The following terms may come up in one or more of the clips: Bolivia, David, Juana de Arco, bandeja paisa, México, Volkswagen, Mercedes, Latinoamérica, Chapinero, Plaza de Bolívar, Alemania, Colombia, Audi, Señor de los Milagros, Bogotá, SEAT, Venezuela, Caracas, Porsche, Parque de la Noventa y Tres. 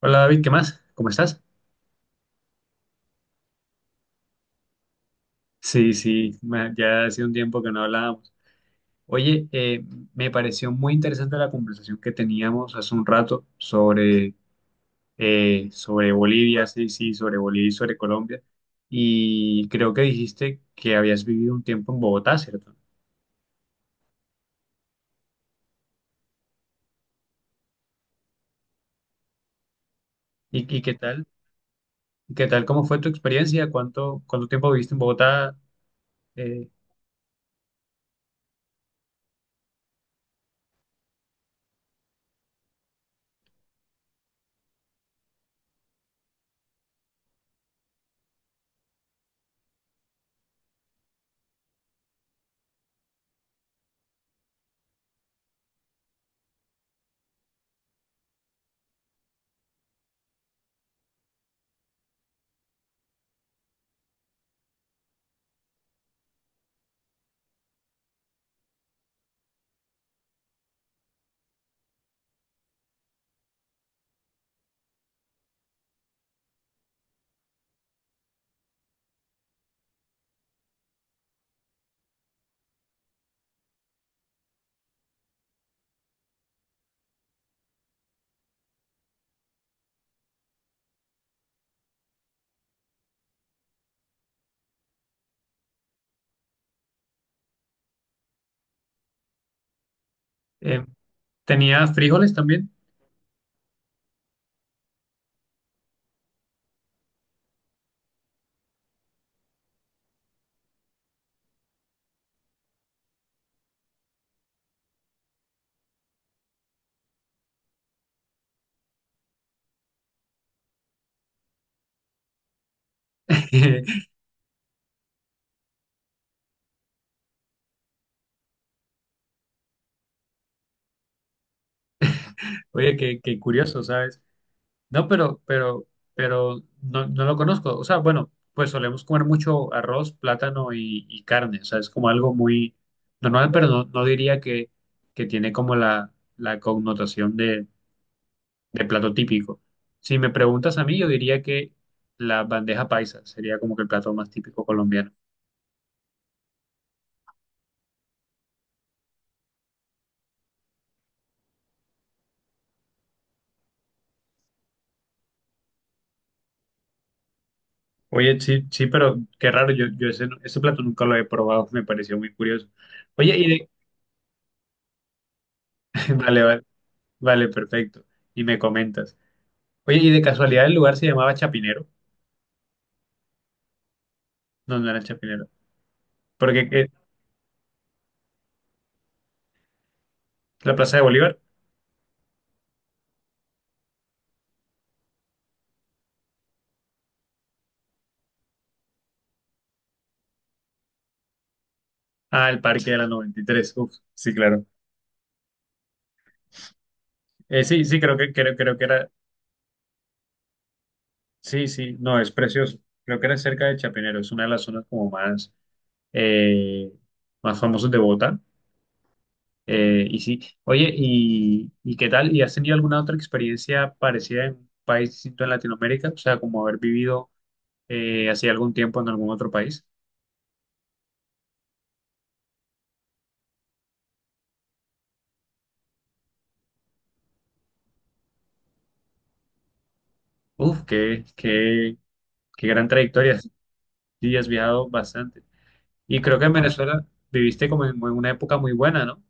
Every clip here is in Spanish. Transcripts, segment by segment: Hola David, ¿qué más? ¿Cómo estás? Sí, sí, ya hace un tiempo que no hablábamos. Oye, me pareció muy interesante la conversación que teníamos hace un rato sobre Bolivia, sí, sí, sobre Bolivia y sobre Colombia. Y creo que dijiste que habías vivido un tiempo en Bogotá, ¿cierto? ¿Y qué tal? ¿Qué tal? ¿Cómo fue tu experiencia? ¿Cuánto tiempo viviste en Bogotá? Eh, eh, ¿Tenías frijoles también? Oye, qué curioso, ¿sabes? No, pero no, no lo conozco. O sea, bueno, pues solemos comer mucho arroz, plátano y carne. O sea, es como algo muy normal, pero no, no diría que tiene como la connotación de plato típico. Si me preguntas a mí, yo diría que la bandeja paisa sería como que el plato más típico colombiano. Oye, sí, sí, pero qué raro, yo ese plato nunca lo he probado, me pareció muy curioso. Oye, y de- vale, vale, vale, perfecto. Y me comentas. Oye, y de casualidad el lugar se llamaba Chapinero. No, no era Chapinero. Porque la Plaza de Bolívar. Ah, el Parque de la Noventa y Tres, uf, sí, claro. Sí, sí, creo que era. Sí, sí, no, es precioso. Creo que era cerca de Chapinero. Es una de las zonas como más, eh, más famosas de Bogotá. Y sí, oye, ¿y qué tal? ¿Y has tenido alguna otra experiencia parecida en un país distinto en Latinoamérica? O sea, como haber vivido hace algún tiempo en algún otro país. Uf, qué gran trayectoria. Sí, has viajado bastante. Y creo que en Venezuela viviste como en una época muy buena, ¿no?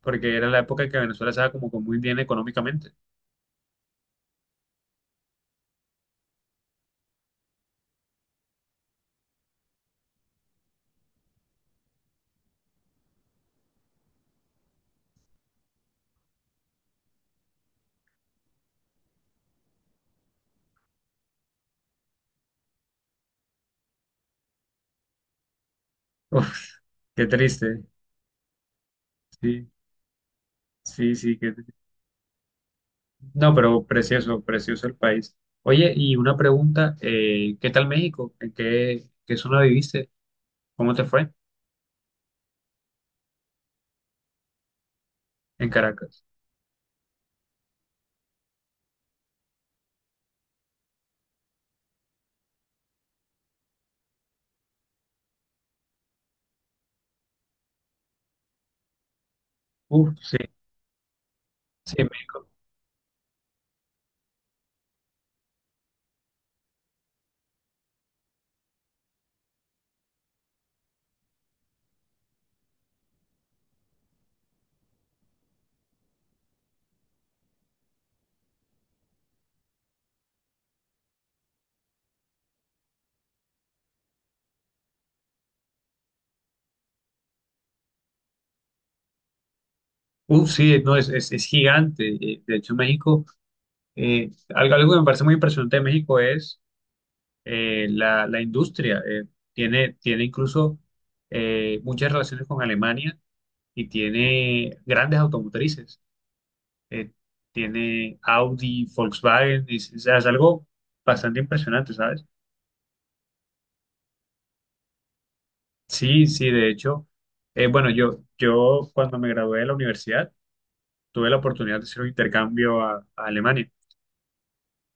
Porque era la época en que Venezuela estaba como que muy bien económicamente. Uf, qué triste. Sí, sí, sí. No, pero precioso, precioso el país. Oye, y una pregunta, ¿qué tal México? ¿En qué zona viviste? ¿Cómo te fue? En Caracas. Uf, sí, sí, en México. Uf, sí, no, es gigante. De hecho, México, eh, algo que me parece muy impresionante de México es la industria. Tiene incluso muchas relaciones con Alemania y tiene grandes automotrices. eh, Tiene Audi, Volkswagen, y es, o sea, es algo bastante impresionante, ¿sabes? Sí, sí, de hecho, bueno, yo cuando me gradué de la universidad tuve la oportunidad de hacer un intercambio a Alemania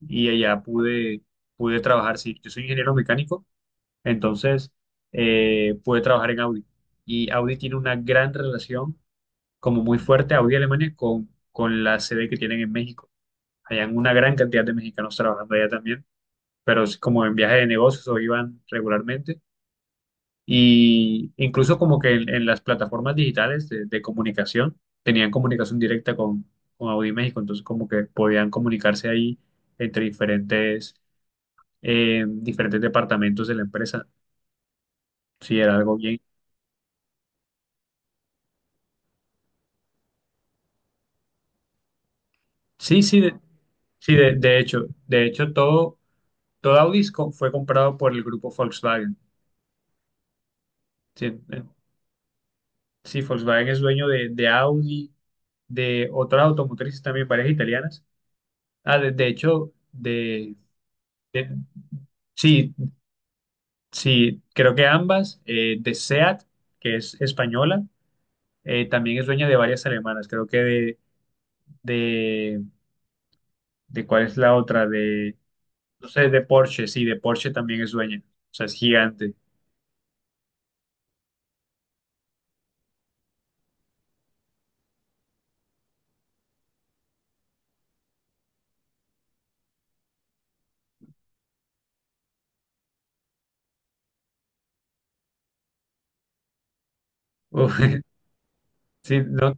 y allá pude trabajar, sí, yo soy ingeniero mecánico. Entonces, pude trabajar en Audi. Y Audi tiene una gran relación, como muy fuerte, Audi Alemania, con la sede que tienen en México. Hay una gran cantidad de mexicanos trabajando allá también, pero es como en viaje de negocios o iban regularmente. Y incluso como que en las plataformas digitales de comunicación, tenían comunicación directa con Audi México, entonces como que podían comunicarse ahí entre diferentes, diferentes departamentos de la empresa. Sí, era algo bien. Sí, sí, de, de hecho, todo Audi es fue comprado por el grupo Volkswagen. Sí, eh, sí, Volkswagen es dueño de Audi, de otras automotrices también, varias italianas. Ah, de hecho, de- Sí, sí, creo que ambas, de SEAT, que es española, también es dueña de varias alemanas. Creo que de, de ¿cuál es la otra? No sé, de Porsche, sí, de Porsche también es dueña. O sea, es gigante. Uf. Sí, no,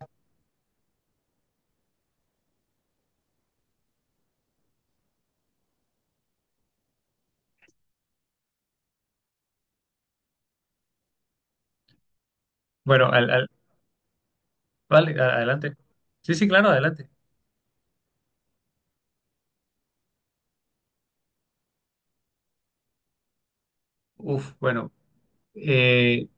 bueno, vale, adelante. Sí, sí, claro, adelante. Uf, bueno, eh,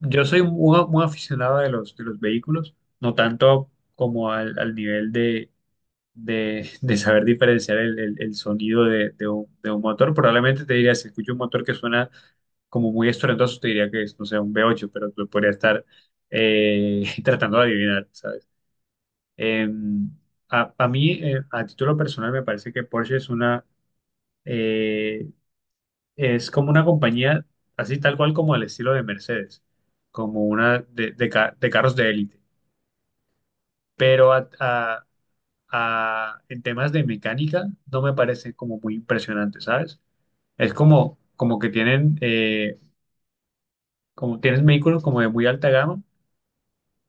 yo soy muy aficionado de los vehículos, no tanto como al nivel de saber diferenciar el sonido de un, de un motor. Probablemente te diría, si escucho un motor que suena como muy estruendoso, te diría que es, no sé, un v ocho, pero lo podría estar tratando de adivinar, ¿sabes? Em, a mí, a título personal, me parece que Porsche es una... eh, Es como una compañía, así tal cual como el estilo de Mercedes, como una de carros de élite. Pero en temas de mecánica no me parece como muy impresionante, ¿sabes? Es como, como que tienen, como tienen vehículos como de muy alta gama,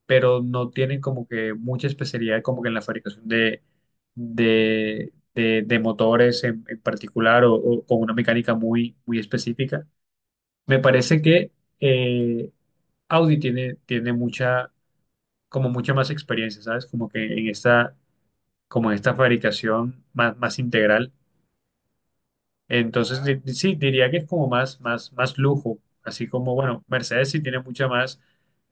pero no tienen como que mucha especialidad como que en la fabricación de motores en particular o con una mecánica muy específica. Me parece que... eh, Audi tiene mucha, como mucha más experiencia, ¿sabes? Como que en esta, como en esta fabricación más integral. Entonces, sí, diría que es como más lujo. Así como, bueno, Mercedes sí tiene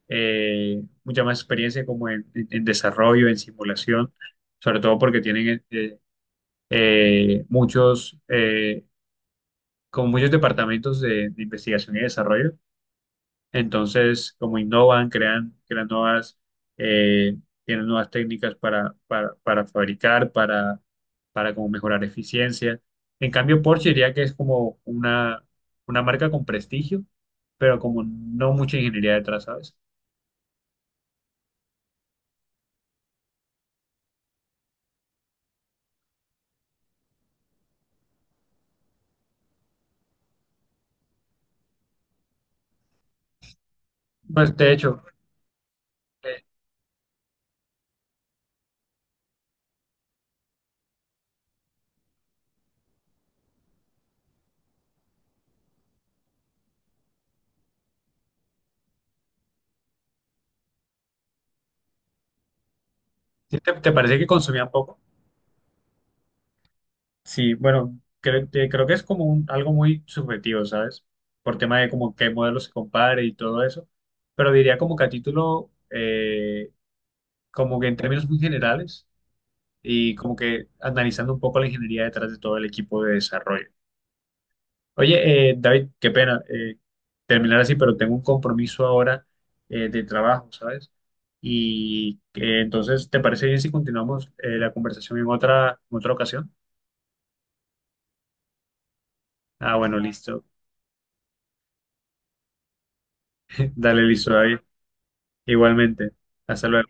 mucha más experiencia como en, en desarrollo, en simulación, sobre todo porque tienen eh, muchos, eh, como muchos departamentos de investigación y desarrollo. Entonces, como innovan, crean nuevas, eh, tienen nuevas técnicas para fabricar, para como mejorar eficiencia. En cambio, Porsche diría que es como una marca con prestigio, pero como no mucha ingeniería detrás, ¿sabes? Pues de hecho, eh, ¿sí? ¿Te parece que consumían poco? Sí, bueno, creo que es como un- algo muy subjetivo, ¿sabes? Por tema de como qué modelo se compare y todo eso. Pero diría como que a título... como que en términos muy generales y como que analizando un poco la ingeniería detrás de todo el equipo de desarrollo. Oye, David, qué pena terminar así, pero tengo un compromiso ahora de trabajo, ¿sabes? Y entonces, ¿te parece bien si continuamos la conversación en otra ocasión? Ah, bueno, listo. Dale, listo, David. Igualmente. Hasta luego.